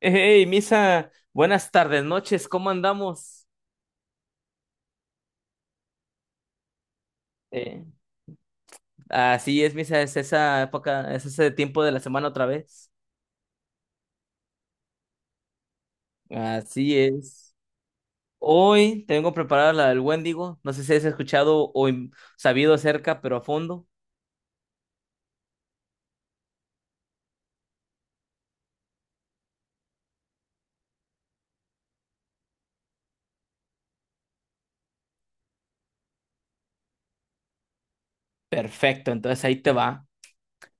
Hey, Misa, buenas tardes, noches, ¿cómo andamos? Eh, así es, Misa, es esa época, es ese tiempo de la semana otra vez. Así es. Hoy tengo preparada la del Wendigo, no sé si has escuchado o sabido acerca, pero a fondo. Perfecto, entonces ahí te va.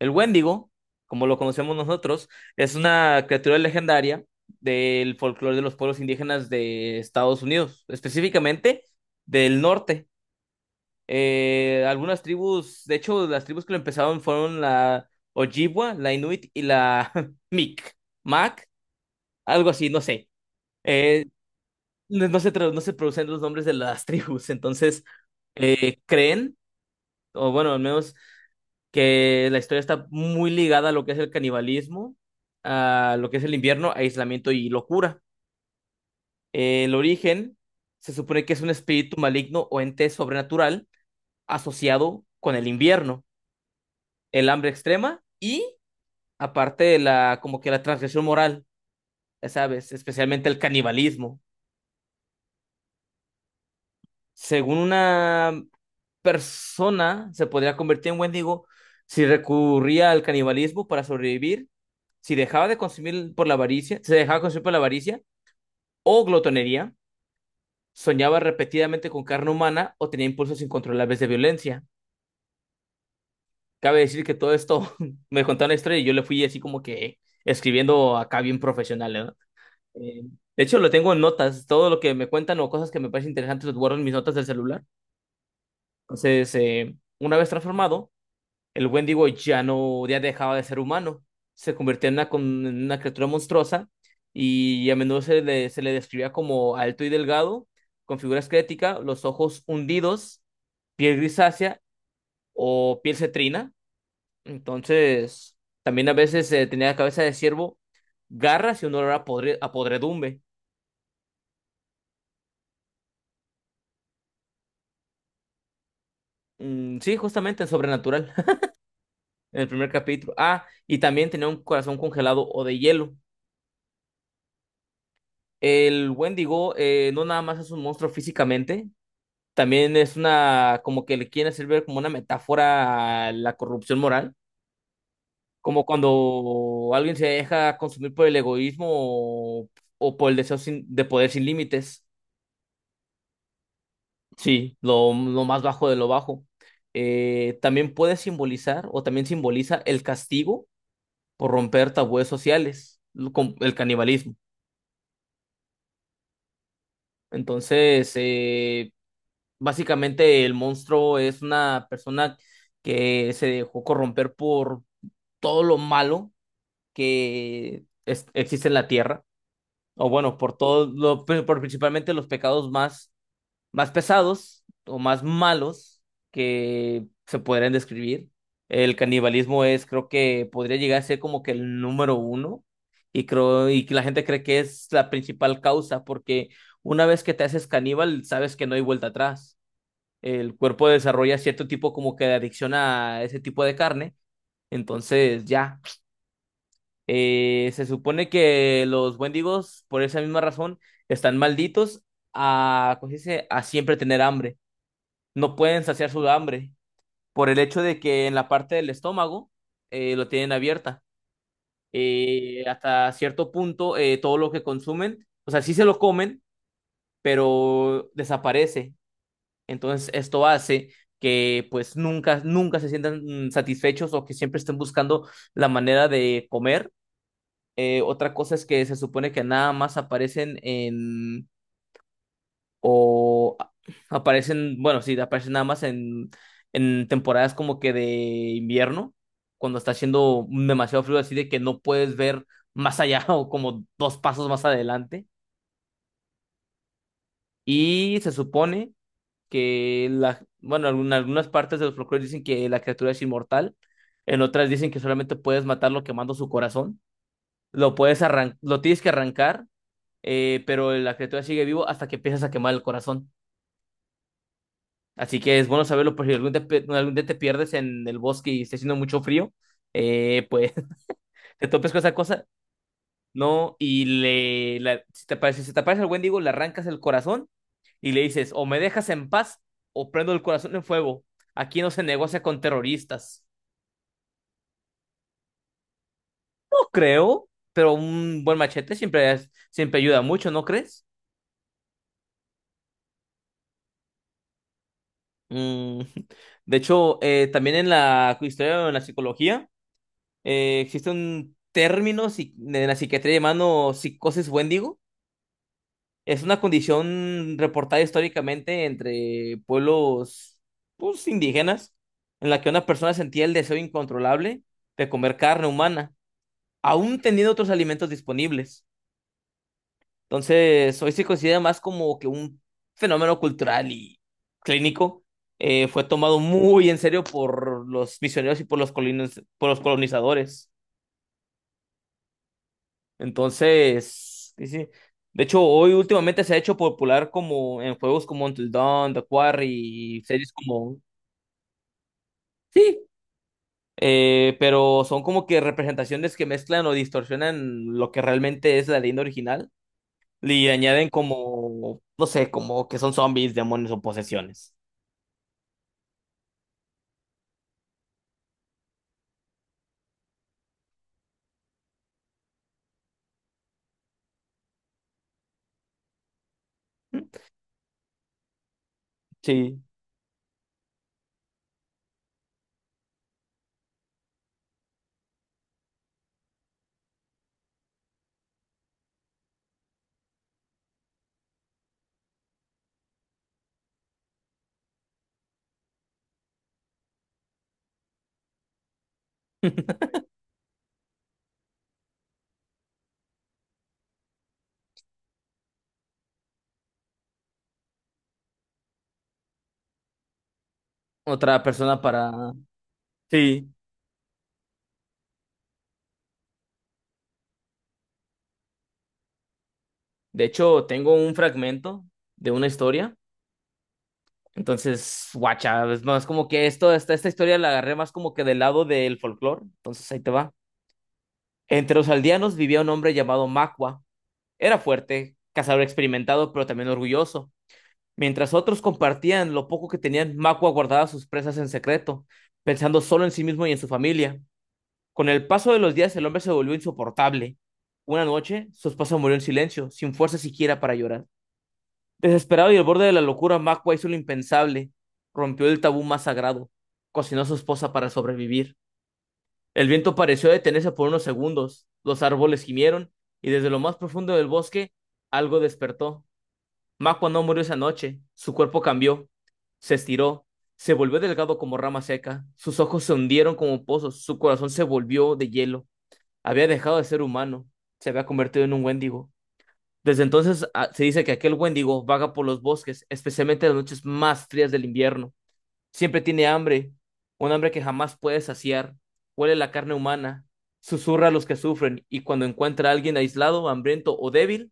El Wendigo, como lo conocemos nosotros, es una criatura legendaria del folclore de los pueblos indígenas de Estados Unidos, específicamente del norte. Algunas tribus, de hecho, las tribus que lo empezaron fueron la Ojibwa, la Inuit y la Mic, Mac, algo así, no sé. Eh, no se, no se producen los nombres de las tribus, entonces creen, o bueno, al menos que la historia está muy ligada a lo que es el canibalismo, a lo que es el invierno, aislamiento y locura. El origen se supone que es un espíritu maligno o ente sobrenatural asociado con el invierno, el hambre extrema y aparte de la como que la transgresión moral, ya sabes, especialmente el canibalismo. Según una persona se podría convertir en Wendigo si recurría al canibalismo para sobrevivir, si dejaba de consumir por la avaricia, se dejaba consumir por la avaricia o glotonería, soñaba repetidamente con carne humana o tenía impulsos incontrolables de violencia. Cabe decir que todo esto me contaron la historia y yo le fui así como que escribiendo acá bien profesional, ¿no? Eh, de hecho, lo tengo en notas. Todo lo que me cuentan o cosas que me parecen interesantes los guardo en mis notas del celular. Entonces, una vez transformado, el Wendigo ya no, ya dejaba de ser humano. Se convirtió en una, en una criatura monstruosa y a menudo se le describía como alto y delgado, con figura esquelética, los ojos hundidos, piel grisácea o piel cetrina. Entonces, también a veces tenía la cabeza de ciervo, garras y un olor a, a podredumbre. Mm, sí, justamente en Sobrenatural, en el primer capítulo. Ah, y también tenía un corazón congelado o de hielo. El Wendigo no nada más es un monstruo físicamente, también es una, como que le quieren hacer ver como una metáfora a la corrupción moral, como cuando alguien se deja consumir por el egoísmo o por el deseo de poder sin límites. Sí, lo más bajo de lo bajo. También puede simbolizar o también simboliza el castigo por romper tabúes sociales, con el canibalismo. Entonces, básicamente el monstruo es una persona que se dejó corromper por todo lo malo que existe en la tierra, o bueno, por todo lo, pero por principalmente los pecados más más pesados o más malos que se podrían describir. El canibalismo es, creo que podría llegar a ser como que el número uno y creo y que la gente cree que es la principal causa porque una vez que te haces caníbal sabes que no hay vuelta atrás. El cuerpo desarrolla cierto tipo como que de adicción a ese tipo de carne. Entonces ya, se supone que los wendigos por esa misma razón están malditos a, ¿cómo se dice? A siempre tener hambre, no pueden saciar su hambre por el hecho de que en la parte del estómago lo tienen abierta. Hasta cierto punto, todo lo que consumen, o sea, sí se lo comen, pero desaparece. Entonces, esto hace que pues nunca, nunca se sientan satisfechos o que siempre estén buscando la manera de comer. Otra cosa es que se supone que nada más aparecen en o a- aparecen, bueno, sí, aparecen nada más en temporadas como que de invierno, cuando está haciendo demasiado frío, así de que no puedes ver más allá o como dos pasos más adelante. Y se supone que la, bueno, en algunas partes de los folclores dicen que la criatura es inmortal, en otras dicen que solamente puedes matarlo quemando su corazón, lo tienes que arrancar, pero la criatura sigue vivo hasta que empiezas a quemar el corazón. Así que es bueno saberlo por si algún, algún día te pierdes en el bosque y está haciendo mucho frío, pues te topes con esa cosa, ¿no? Y le, si te aparece, si te aparece el Wendigo, le arrancas el corazón y le dices, o me dejas en paz o prendo el corazón en fuego. Aquí no se negocia con terroristas. No creo, pero un buen machete siempre, siempre ayuda mucho, ¿no crees? Mm, de hecho, también en la historia, en la psicología. Existe un término en la psiquiatría llamado psicosis wendigo. Es una condición reportada históricamente entre pueblos pues, indígenas en la que una persona sentía el deseo incontrolable de comer carne humana, aún teniendo otros alimentos disponibles. Entonces, hoy se considera más como que un fenómeno cultural y clínico. Fue tomado muy en serio por los misioneros y por los por los colonizadores. Entonces, sí, sí. De hecho, hoy últimamente se ha hecho popular como en juegos como Until Dawn, The Quarry, y series como... Sí, pero son como que representaciones que mezclan o distorsionan lo que realmente es la leyenda original y añaden como, no sé, como que son zombies, demonios o posesiones. Sí, otra persona para... Sí, de hecho, tengo un fragmento de una historia. Entonces, guacha, es más como que esto, esta historia la agarré más como que del lado del folclore. Entonces ahí te va. Entre los aldeanos vivía un hombre llamado Macua. Era fuerte, cazador experimentado, pero también orgulloso. Mientras otros compartían lo poco que tenían, Macua guardaba sus presas en secreto, pensando solo en sí mismo y en su familia. Con el paso de los días, el hombre se volvió insoportable. Una noche, su esposa murió en silencio, sin fuerza siquiera para llorar. Desesperado y al borde de la locura, Makwa hizo lo impensable. Rompió el tabú más sagrado. Cocinó a su esposa para sobrevivir. El viento pareció detenerse por unos segundos. Los árboles gimieron y desde lo más profundo del bosque algo despertó. Makwa no murió esa noche. Su cuerpo cambió. Se estiró. Se volvió delgado como rama seca. Sus ojos se hundieron como pozos. Su corazón se volvió de hielo. Había dejado de ser humano. Se había convertido en un wendigo. Desde entonces se dice que aquel Wendigo vaga por los bosques, especialmente en las noches más frías del invierno. Siempre tiene hambre, un hambre que jamás puede saciar. Huele la carne humana, susurra a los que sufren y cuando encuentra a alguien aislado, hambriento o débil,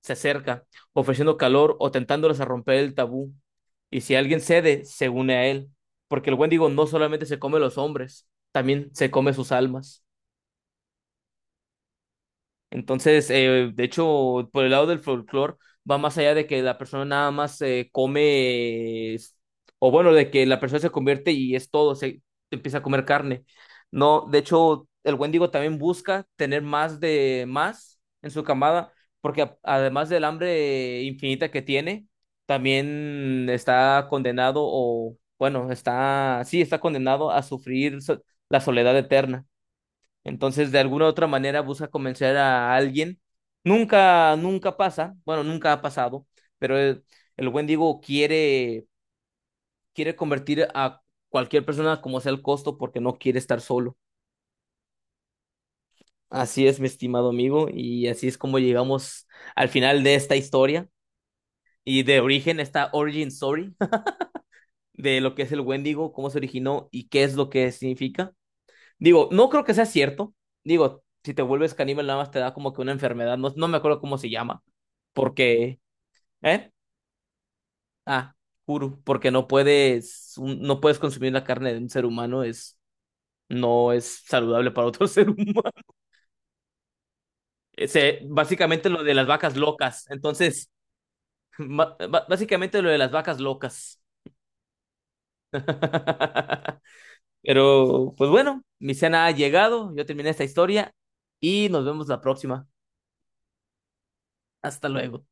se acerca, ofreciendo calor o tentándoles a romper el tabú. Y si alguien cede, se une a él, porque el Wendigo no solamente se come los hombres, también se come sus almas. Entonces, de hecho, por el lado del folclore, va más allá de que la persona nada más come, o bueno, de que la persona se convierte y es todo, se empieza a comer carne. No, de hecho, el Wendigo también busca tener más de más en su camada, porque además del hambre infinita que tiene, también está condenado, o bueno, está, sí, está condenado a sufrir la soledad eterna. Entonces, de alguna u otra manera busca convencer a alguien. Nunca, nunca pasa, bueno, nunca ha pasado, pero el buen Diego quiere, quiere convertir a cualquier persona como sea el costo porque no quiere estar solo. Así es, mi estimado amigo, y así es como llegamos al final de esta historia y de origen, esta origin story de lo que es el Wendigo, cómo se originó y qué es lo que significa. Digo, no creo que sea cierto. Digo, si te vuelves caníbal, nada más te da como que una enfermedad, no, no me acuerdo cómo se llama. Porque, ¿eh? Ah, Kuru, porque no puedes, no puedes consumir la carne de un ser humano, es, no es saludable para otro ser humano. Ese, básicamente lo de las vacas locas. Entonces, básicamente lo de las vacas locas. Pero, pues bueno, mi cena ha llegado, yo terminé esta historia y nos vemos la próxima. Hasta luego.